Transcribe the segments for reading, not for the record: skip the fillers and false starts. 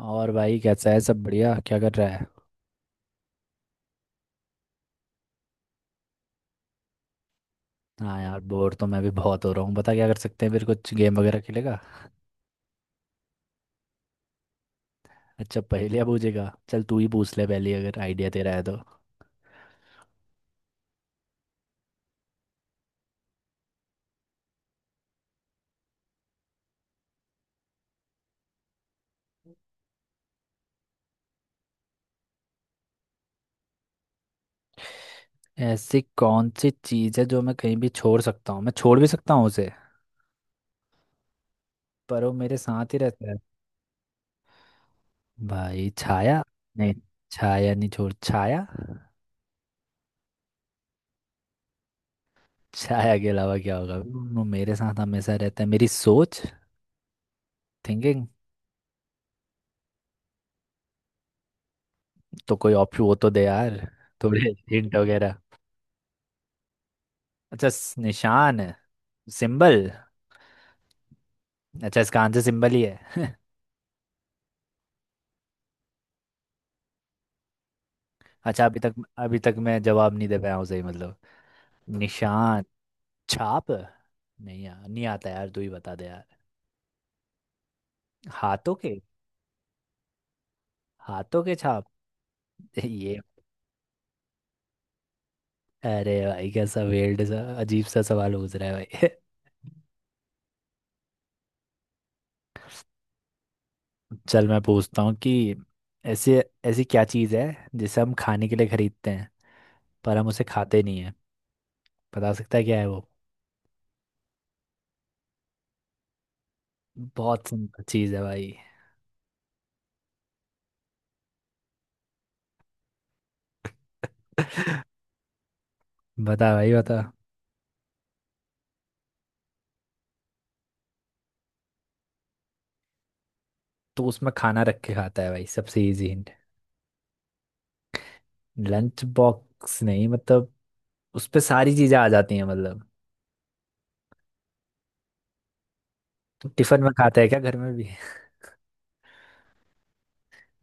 और भाई, कैसा है सब? बढ़िया? क्या कर रहा है? हाँ यार, बोर तो मैं भी बहुत हो रहा हूँ। बता, क्या कर सकते हैं? फिर कुछ गेम वगैरह खेलेगा? अच्छा, पहेलियाँ पूछेगा? चल तू ही पूछ ले पहली, अगर आइडिया तेरा है तो। ऐसी कौन सी चीज़ है जो मैं कहीं भी छोड़ सकता हूँ? मैं छोड़ भी सकता हूँ उसे, पर वो मेरे साथ ही रहता है। भाई, छाया। नहीं, छाया नहीं छोड़, छाया। छाया के अलावा क्या होगा? वो मेरे साथ हमेशा रहता है, मेरी सोच। थिंकिंग। तो कोई ऑप्शन वो तो दे यार। थोड़े हिंट वगैरह। अच्छा निशान है, सिंबल। अच्छा, इसका आंसर सिंबल ही है? अच्छा, अभी तक मैं जवाब नहीं दे पाया हूँ सही, मतलब। निशान। छाप? नहीं यार, नहीं आता यार, तू ही बता दे यार। हाथों के। हाथों के छाप। ये। अरे भाई, कैसा वेल्ड सा अजीब सा सवाल पूछ रहा है भाई। चल मैं पूछता हूँ कि ऐसे ऐसी क्या चीज़ है जिसे हम खाने के लिए खरीदते हैं पर हम उसे खाते नहीं है। बता सकता है क्या है वो? बहुत सिंपल चीज़ है भाई। बता भाई, बता। तो उसमें खाना रख के खाता है भाई, सबसे इजी हिंट। लंच बॉक्स नहीं, मतलब उस पे सारी चीजें आ जाती हैं, मतलब। टिफिन में खाता है क्या घर में भी?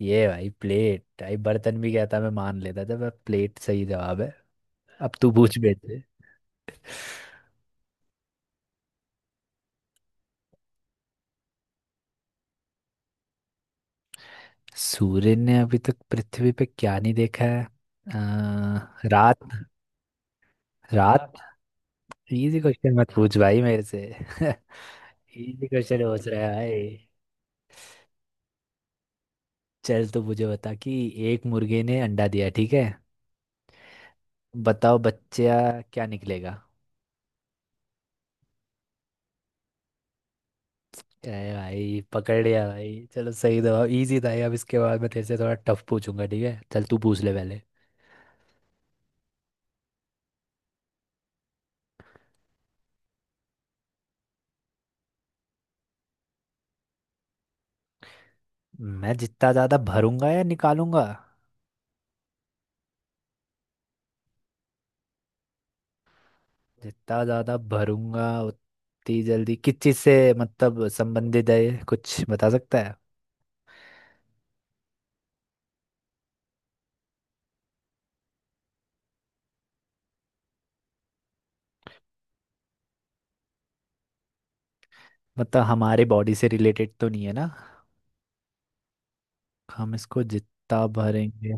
ये भाई, प्लेट भाई? बर्तन भी कहता मैं मान लेता था। मैं, प्लेट सही जवाब है। अब तू पूछ बेटे। सूर्य ने अभी तक पृथ्वी पे क्या नहीं देखा है? रात। रात। इजी क्वेश्चन मत पूछ भाई मेरे से। इजी क्वेश्चन पूछ रहा है भाई। चल तो मुझे बता कि एक मुर्गे ने अंडा दिया, ठीक है? बताओ बच्चा, क्या निकलेगा? अरे भाई, पकड़ लिया भाई। चलो, सही जवाब। इजी था ये। अब इसके बाद मैं तेरे से थोड़ा टफ पूछूंगा, ठीक है? चल तू पूछ ले पहले। मैं जितना ज्यादा भरूंगा या निकालूंगा? जितना ज्यादा भरूंगा उतनी जल्दी किस चीज से, मतलब संबंधित है ये? कुछ बता सकता है? मतलब हमारे बॉडी से रिलेटेड तो नहीं है ना? हम इसको जितना भरेंगे।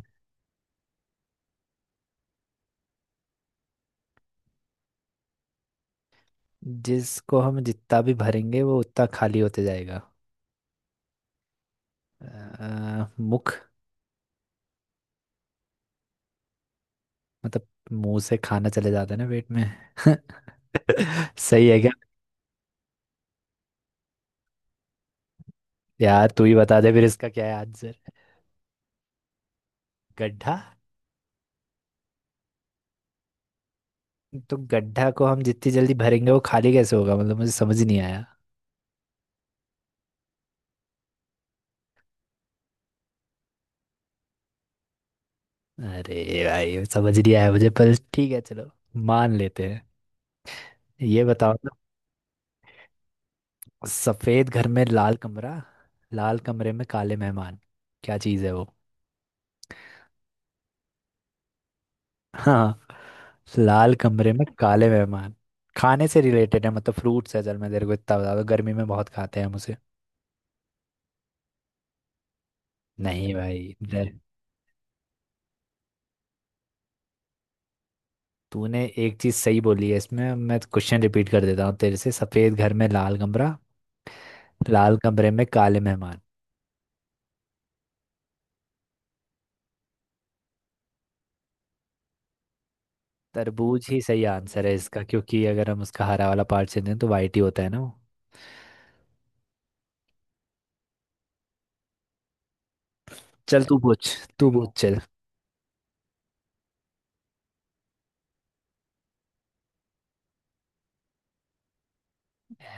जिसको हम जितना भी भरेंगे वो उतना खाली होते जाएगा। मुख। मतलब मुंह से खाना चले जाता है ना पेट में। सही है क्या? यार तू ही बता दे फिर, इसका क्या है आंसर? गड्ढा? तो गड्ढा को हम जितनी जल्दी भरेंगे वो खाली कैसे होगा? मतलब, मुझे समझ नहीं आया। अरे भाई, समझ नहीं आया मुझे, पर ठीक है, चलो। मान लेते हैं। ये बताओ ना। सफेद घर में लाल कमरा। लाल कमरे में काले मेहमान। क्या चीज है वो? हाँ। लाल कमरे में काले मेहमान। खाने से रिलेटेड है, मतलब फ्रूट्स है। चल मैं तेरे को इतना बता दूं, गर्मी में बहुत खाते हैं हम उसे। नहीं भाई। तूने एक चीज सही बोली है इसमें। मैं क्वेश्चन रिपीट कर देता हूँ तेरे से। सफेद घर में लाल कमरा। लाल कमरे में काले मेहमान। तरबूज ही सही आंसर है इसका, क्योंकि अगर हम उसका हरा वाला पार्ट से दें तो वाइट ही होता है ना वो। चल तू पूछ। तू पूछ, चल।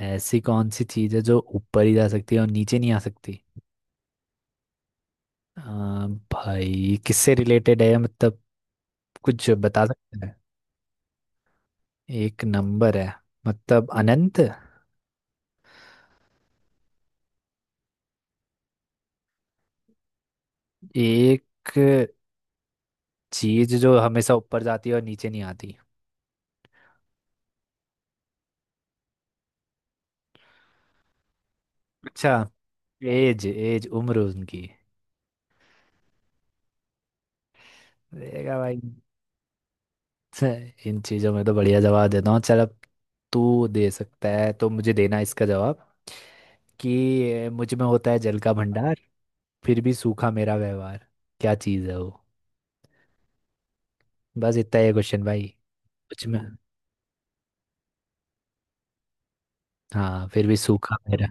ऐसी कौन सी चीज है जो ऊपर ही जा सकती है और नीचे नहीं आ सकती? आ, भाई किससे रिलेटेड है, मतलब? कुछ बता सकते हैं? एक नंबर है? मतलब अनंत? एक चीज जो हमेशा ऊपर जाती है और नीचे नहीं आती? अच्छा। एज एज उम्र उनकी। देखा भाई! छे, इन चीजों में तो बढ़िया जवाब देता हूँ। चल अब, तू दे सकता है तो मुझे देना इसका जवाब कि मुझ में होता है जल का भंडार, फिर भी सूखा मेरा व्यवहार। क्या चीज है वो? बस इतना ही है क्वेश्चन भाई। मुझ में। हाँ, फिर भी सूखा मेरा।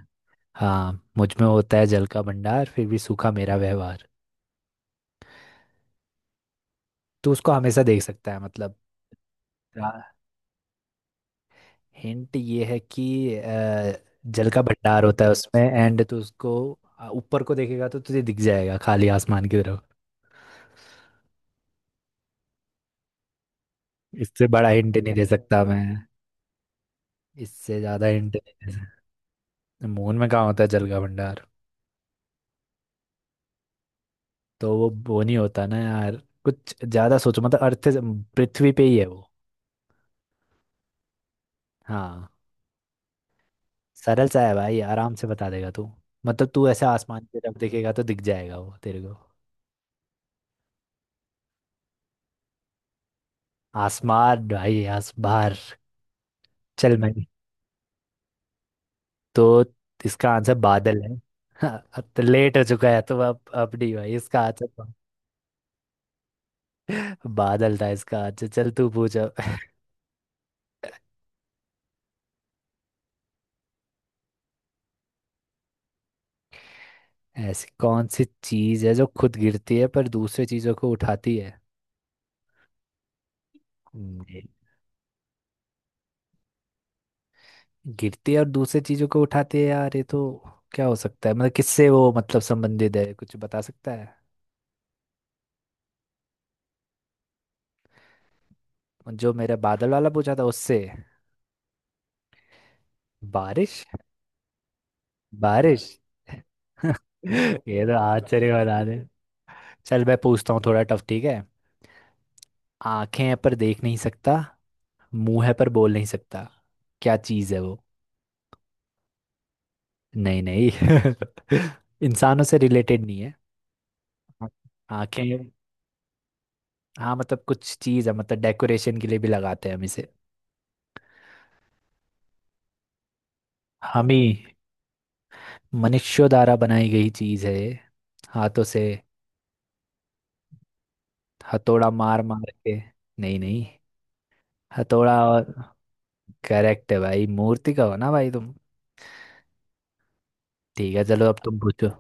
हाँ, मुझ में होता है जल का भंडार, फिर भी सूखा मेरा व्यवहार। तो उसको हमेशा देख सकता है, मतलब। हिंट ये है कि जल का भंडार होता है उसमें, एंड तो उसको ऊपर को देखेगा तो तुझे दिख जाएगा, खाली आसमान की तरफ। इससे बड़ा हिंट नहीं दे सकता मैं। इससे ज्यादा हिंट नहीं दे सकता। मून में कहाँ होता है जल का भंडार? तो वो नहीं होता ना यार। कुछ ज्यादा सोचो, मतलब पृथ्वी पे ही है वो। हाँ। सरल सा है भाई, आराम से बता देगा तू। मतलब तू ऐसे आसमान की तरफ देखेगा तो दिख जाएगा वो तेरे को। आसमान भाई, आसबार। चल मैं, तो इसका आंसर बादल है। हाँ, अब तो लेट हो चुका है तो अब नहीं भाई, इसका आंसर बादल था इसका आंसर। चल तू पूछ अब। ऐसी कौन सी चीज है जो खुद गिरती है पर दूसरे चीजों को उठाती है? ये गिरती है और दूसरे चीजों को उठाती है, यार ये तो क्या हो सकता है, मतलब किससे वो मतलब संबंधित है? कुछ बता सकता है? जो मेरा बादल वाला पूछा था उससे? बारिश? बारिश। ये तो आश्चर्य, बता दे। चल मैं पूछता हूँ थोड़ा टफ, ठीक है। आंखें हैं पर देख नहीं सकता। मुंह है पर बोल नहीं सकता। क्या चीज है वो? नहीं, नहीं। इंसानों से रिलेटेड नहीं है। आंखें, हाँ, मतलब कुछ चीज है, मतलब डेकोरेशन के लिए भी लगाते हैं हम इसे। हम ही, मनुष्यों द्वारा बनाई गई चीज है ये। हाथों से, हथौड़ा मार मार के। नहीं, नहीं। हथौड़ा और? करेक्ट है भाई, मूर्ति का हो ना भाई तुम? ठीक है चलो, अब तुम पूछो।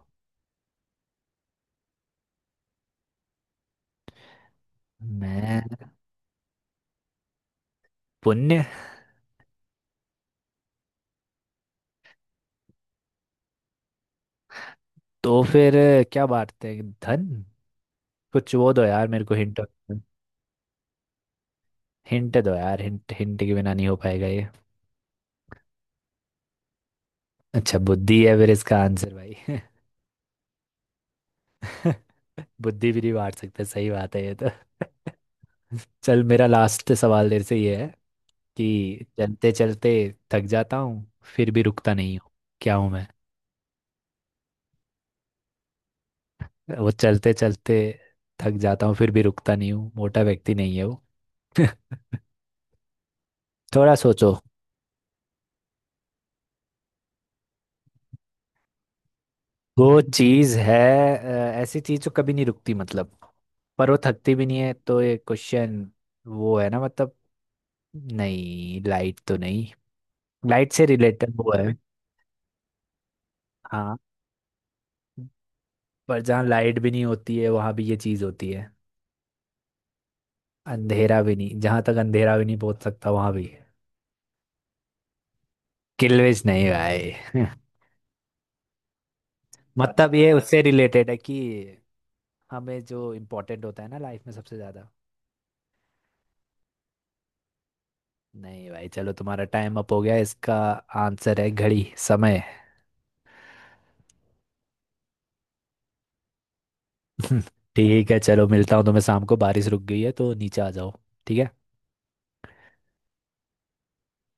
मैं। पुण्य। तो फिर क्या बांटते हैं, धन? कुछ वो दो यार मेरे को, हिंट। हिंट दो यार, हिंट हिंट के बिना नहीं हो पाएगा ये। अच्छा, बुद्धि है फिर इसका आंसर भाई? बुद्धि भी नहीं बांट सकते, सही बात है ये तो। चल मेरा लास्ट सवाल देर से ये है कि चलते चलते थक जाता हूँ, फिर भी रुकता नहीं हूँ। क्या हूँ मैं? वो चलते चलते थक जाता हूँ फिर भी रुकता नहीं हूँ, मोटा व्यक्ति नहीं है वो। थोड़ा सोचो। वो चीज है, ऐसी चीज जो कभी नहीं रुकती, मतलब पर वो थकती भी नहीं है, तो ये क्वेश्चन वो है ना, मतलब। नहीं लाइट तो नहीं, लाइट से रिलेटेड वो है। हाँ। पर जहाँ लाइट भी नहीं होती है वहां भी ये चीज होती है। अंधेरा भी नहीं, जहां तक अंधेरा भी नहीं पहुंच सकता वहां भी। किल्वेज नहीं भाई। मतलब ये उससे रिलेटेड है कि हमें जो इम्पोर्टेंट होता है ना लाइफ में सबसे ज्यादा। नहीं भाई, चलो तुम्हारा टाइम अप हो गया। इसका आंसर है घड़ी, समय। ठीक है, चलो मिलता हूँ तुम्हें शाम को। बारिश रुक गई है तो नीचे आ जाओ। ठीक है।